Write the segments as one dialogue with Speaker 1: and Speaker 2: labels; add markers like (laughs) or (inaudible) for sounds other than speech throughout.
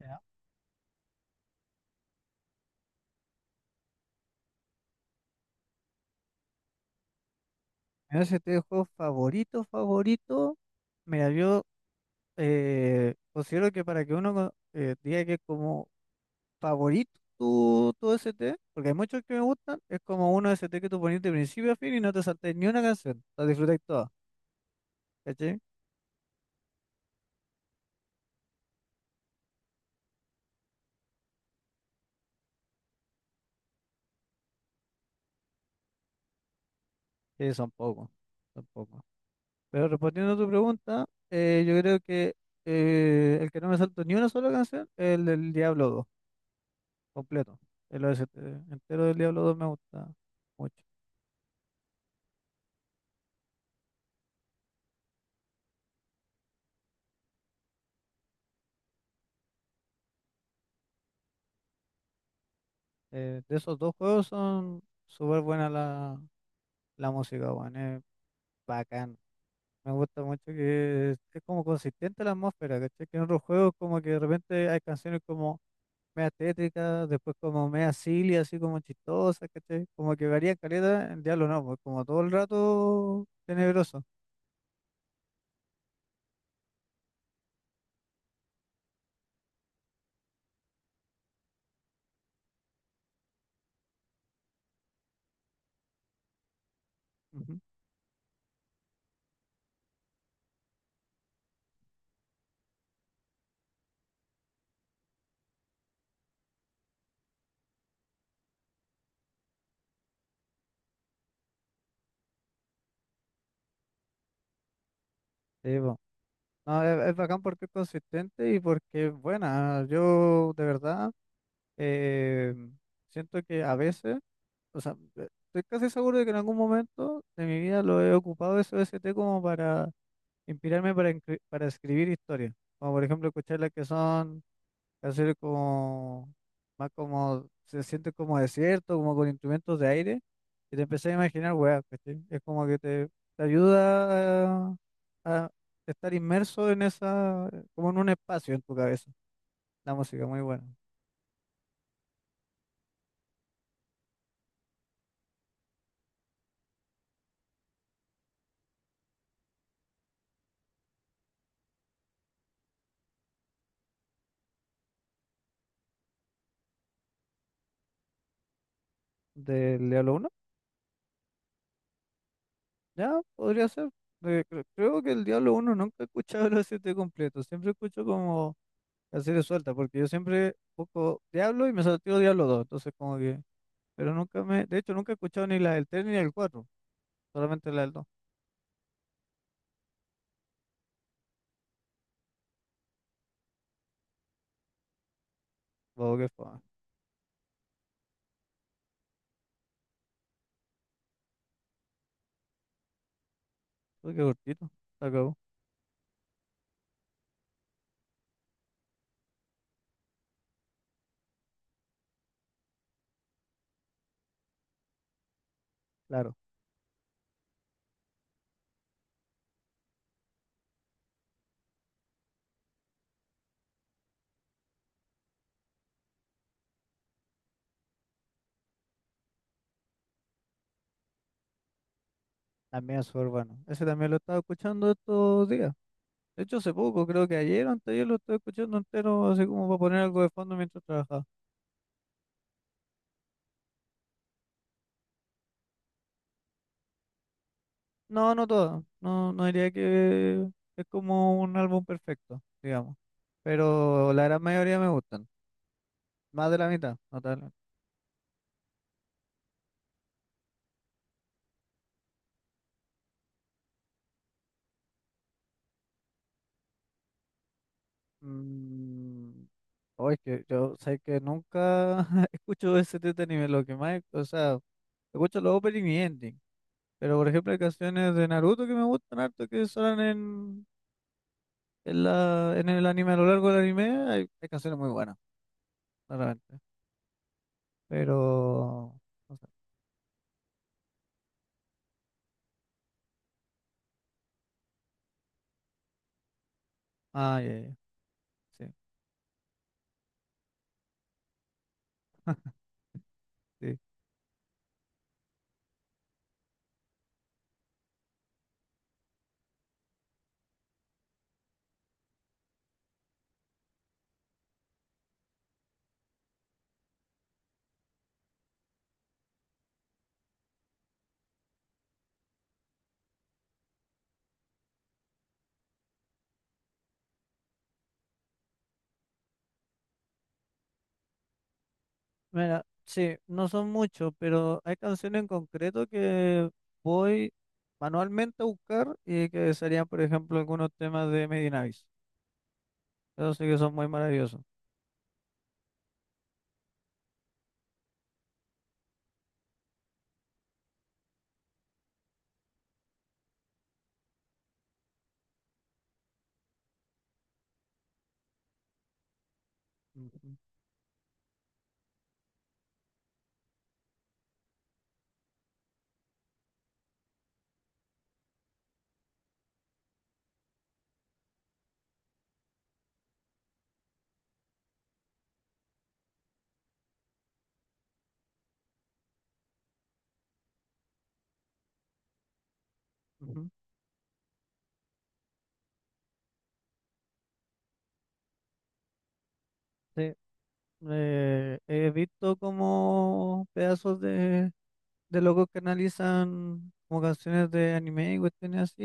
Speaker 1: Ya. Mi OST de juego favorito, favorito. Mira, yo considero que para que uno diga que es como favorito tu OST, porque hay muchos que me gustan, es como un OST que tú pones de principio a fin y no te saltas ni una canción, la disfrutáis toda, ¿cachai? Que son pocos, son pocos. Pero respondiendo a tu pregunta, yo creo que el que no me salto ni una sola canción es el del Diablo dos completo. El OST entero del Diablo dos me gusta mucho. De esos dos juegos son súper buena la música, weón. Es bacán. Me gusta mucho que es como consistente la atmósfera, ¿cachai? Que en otros juegos como que de repente hay canciones como media tétricas, después como media silly, así como chistosas, ¿cachai? Como que varían caleta, en Diablo no, pues como todo el rato tenebroso. Ujú. Sí, po. No, es bacán porque es consistente y porque es buena. Yo de verdad eh, siento que a veces. O sea, estoy casi seguro de que en algún momento de mi vida lo he ocupado ese OST como para inspirarme para escribir historias. Como por ejemplo escuchar las que son canciones como más como se siente como desierto, como con instrumentos de aire, y te empecé a imaginar weas, ¿cachai? Es como que te ayuda a estar inmerso en esa, como en un espacio en tu cabeza. La música muy buena. Del Diablo. Ya, podría ser. Creo que el Diablo uno nunca he escuchado los 7 completos. Siempre escucho como las series suelta porque yo siempre busco Diablo y me salteo Diablo dos. Entonces, como que. Pero nunca me. De hecho, nunca he escuchado ni la del 3 ni el del. Solamente la del dos. Wow, qué fue. Qué cortito. Se acabó. Claro. También es súper bueno. Ese también lo estaba escuchando estos días. De hecho, hace poco, creo que ayer o anteayer lo estoy escuchando entero, así como para poner algo de fondo mientras trabajaba. No, no todo. No, no diría que es como un álbum perfecto, digamos. Pero la gran mayoría me gustan. Más de la mitad, no tal. Mm, oh, es que yo sé que nunca (laughs) escucho ese tipo de anime. Lo que más, o sea, escucho los opening y ending. Pero por ejemplo hay canciones de Naruto que me gustan harto, que suenan en el anime, a lo largo del anime, hay canciones muy buenas, claramente. Pero, no sé. Ah, ya, ya, ya. Sí. Sí. Mira, sí, no son muchos, pero hay canciones en concreto que voy manualmente a buscar y que serían, por ejemplo, algunos temas de Medinavis. Eso sí que son muy maravillosos. Ujú, ujú. Sí, he visto como pedazos de locos que analizan como canciones de anime y cuestiones así,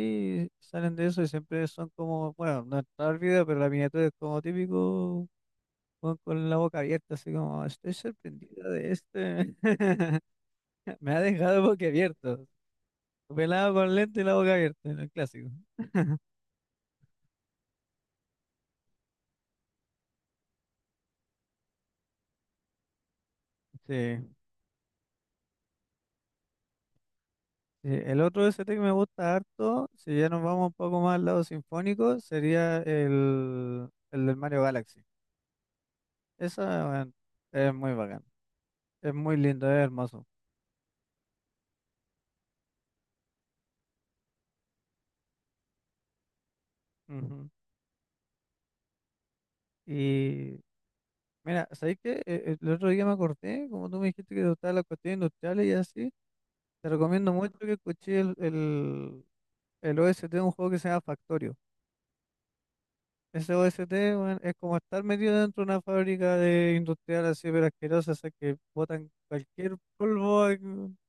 Speaker 1: y salen de eso y siempre son como, bueno, no está el video, pero la miniatura es como típico, con la boca abierta, así como, estoy sorprendida de este, (laughs) me ha dejado boca abierto, pelado con lente y la boca abierta, en el clásico. (laughs) Sí, sí, el otro de ese que me gusta harto, si ya nos vamos un poco más al lado sinfónico, sería el del Mario Galaxy. Esa, bueno, es muy bacán. Es muy lindo, es hermoso. Ujú. Y mira, ¿sabes qué? El otro día me acordé, como tú me dijiste que te gustaban las cuestiones industriales y así, te recomiendo mucho que escuché el OST de un juego que se llama Factorio. Ese OST, weón, es como estar metido dentro de una fábrica de industrial así, pero asquerosa, o que botan cualquier polvo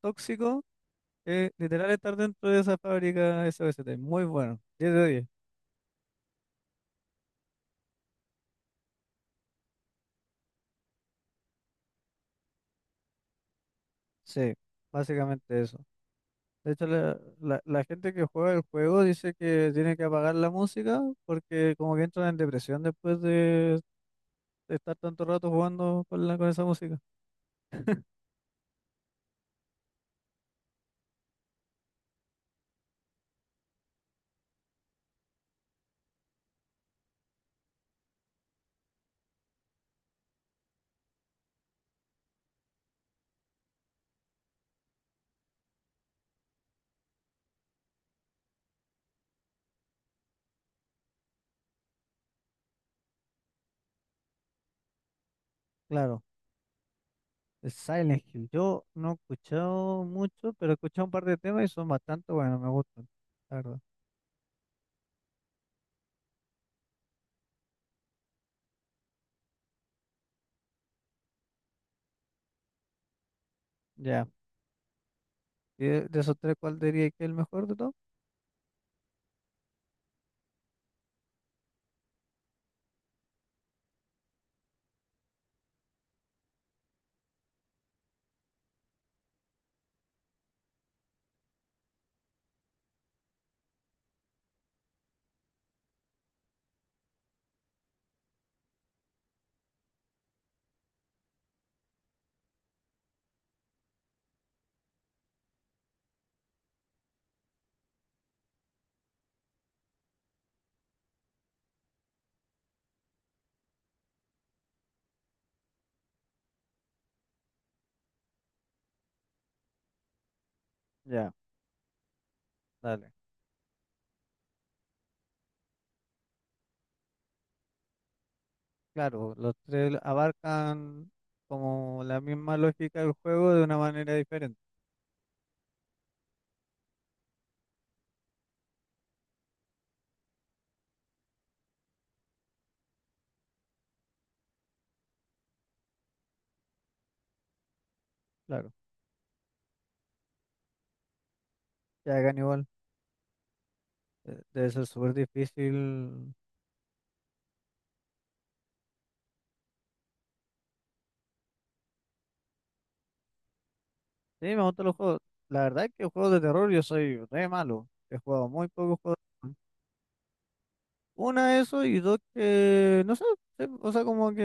Speaker 1: tóxico. Literal estar dentro de esa fábrica, ese OST. Muy bueno. 10 de 10. Sí, básicamente eso. De hecho, la gente que juega el juego dice que tiene que apagar la música porque como que entran en depresión después de estar tanto rato jugando con esa música. Claro, el Silent Hill. Yo no he escuchado mucho, pero he escuchado un par de temas y son bastante buenos, me gustan, la verdad. Ya. ¿Y de esos tres cuál diría que es el mejor de todos? Ya, dale. Claro, los tres abarcan como la misma lógica del juego de una manera diferente. Claro, ya hagan igual Debe ser súper difícil. Sí, me gustan los juegos. La verdad es que juegos de terror yo soy re malo. He jugado muy pocos juegos de terror. Una, eso, y dos, que no sé, sí, o sea, como que.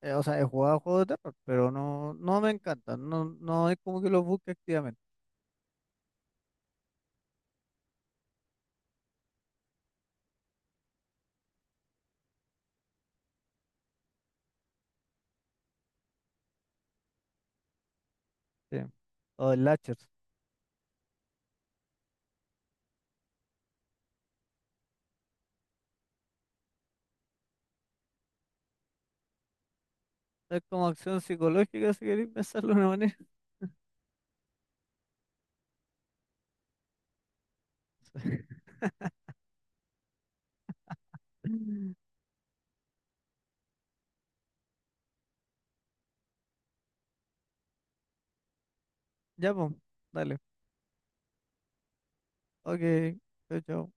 Speaker 1: O sea, he jugado juegos de terror, pero no, no me encantan. No, no es como que los busque activamente. Sí. O el Latcher. Es como acción psicológica, si queréis (laughs) pensarlo de una manera. (laughs) (laughs) Ya, pues, dale. Ok, chao, chao.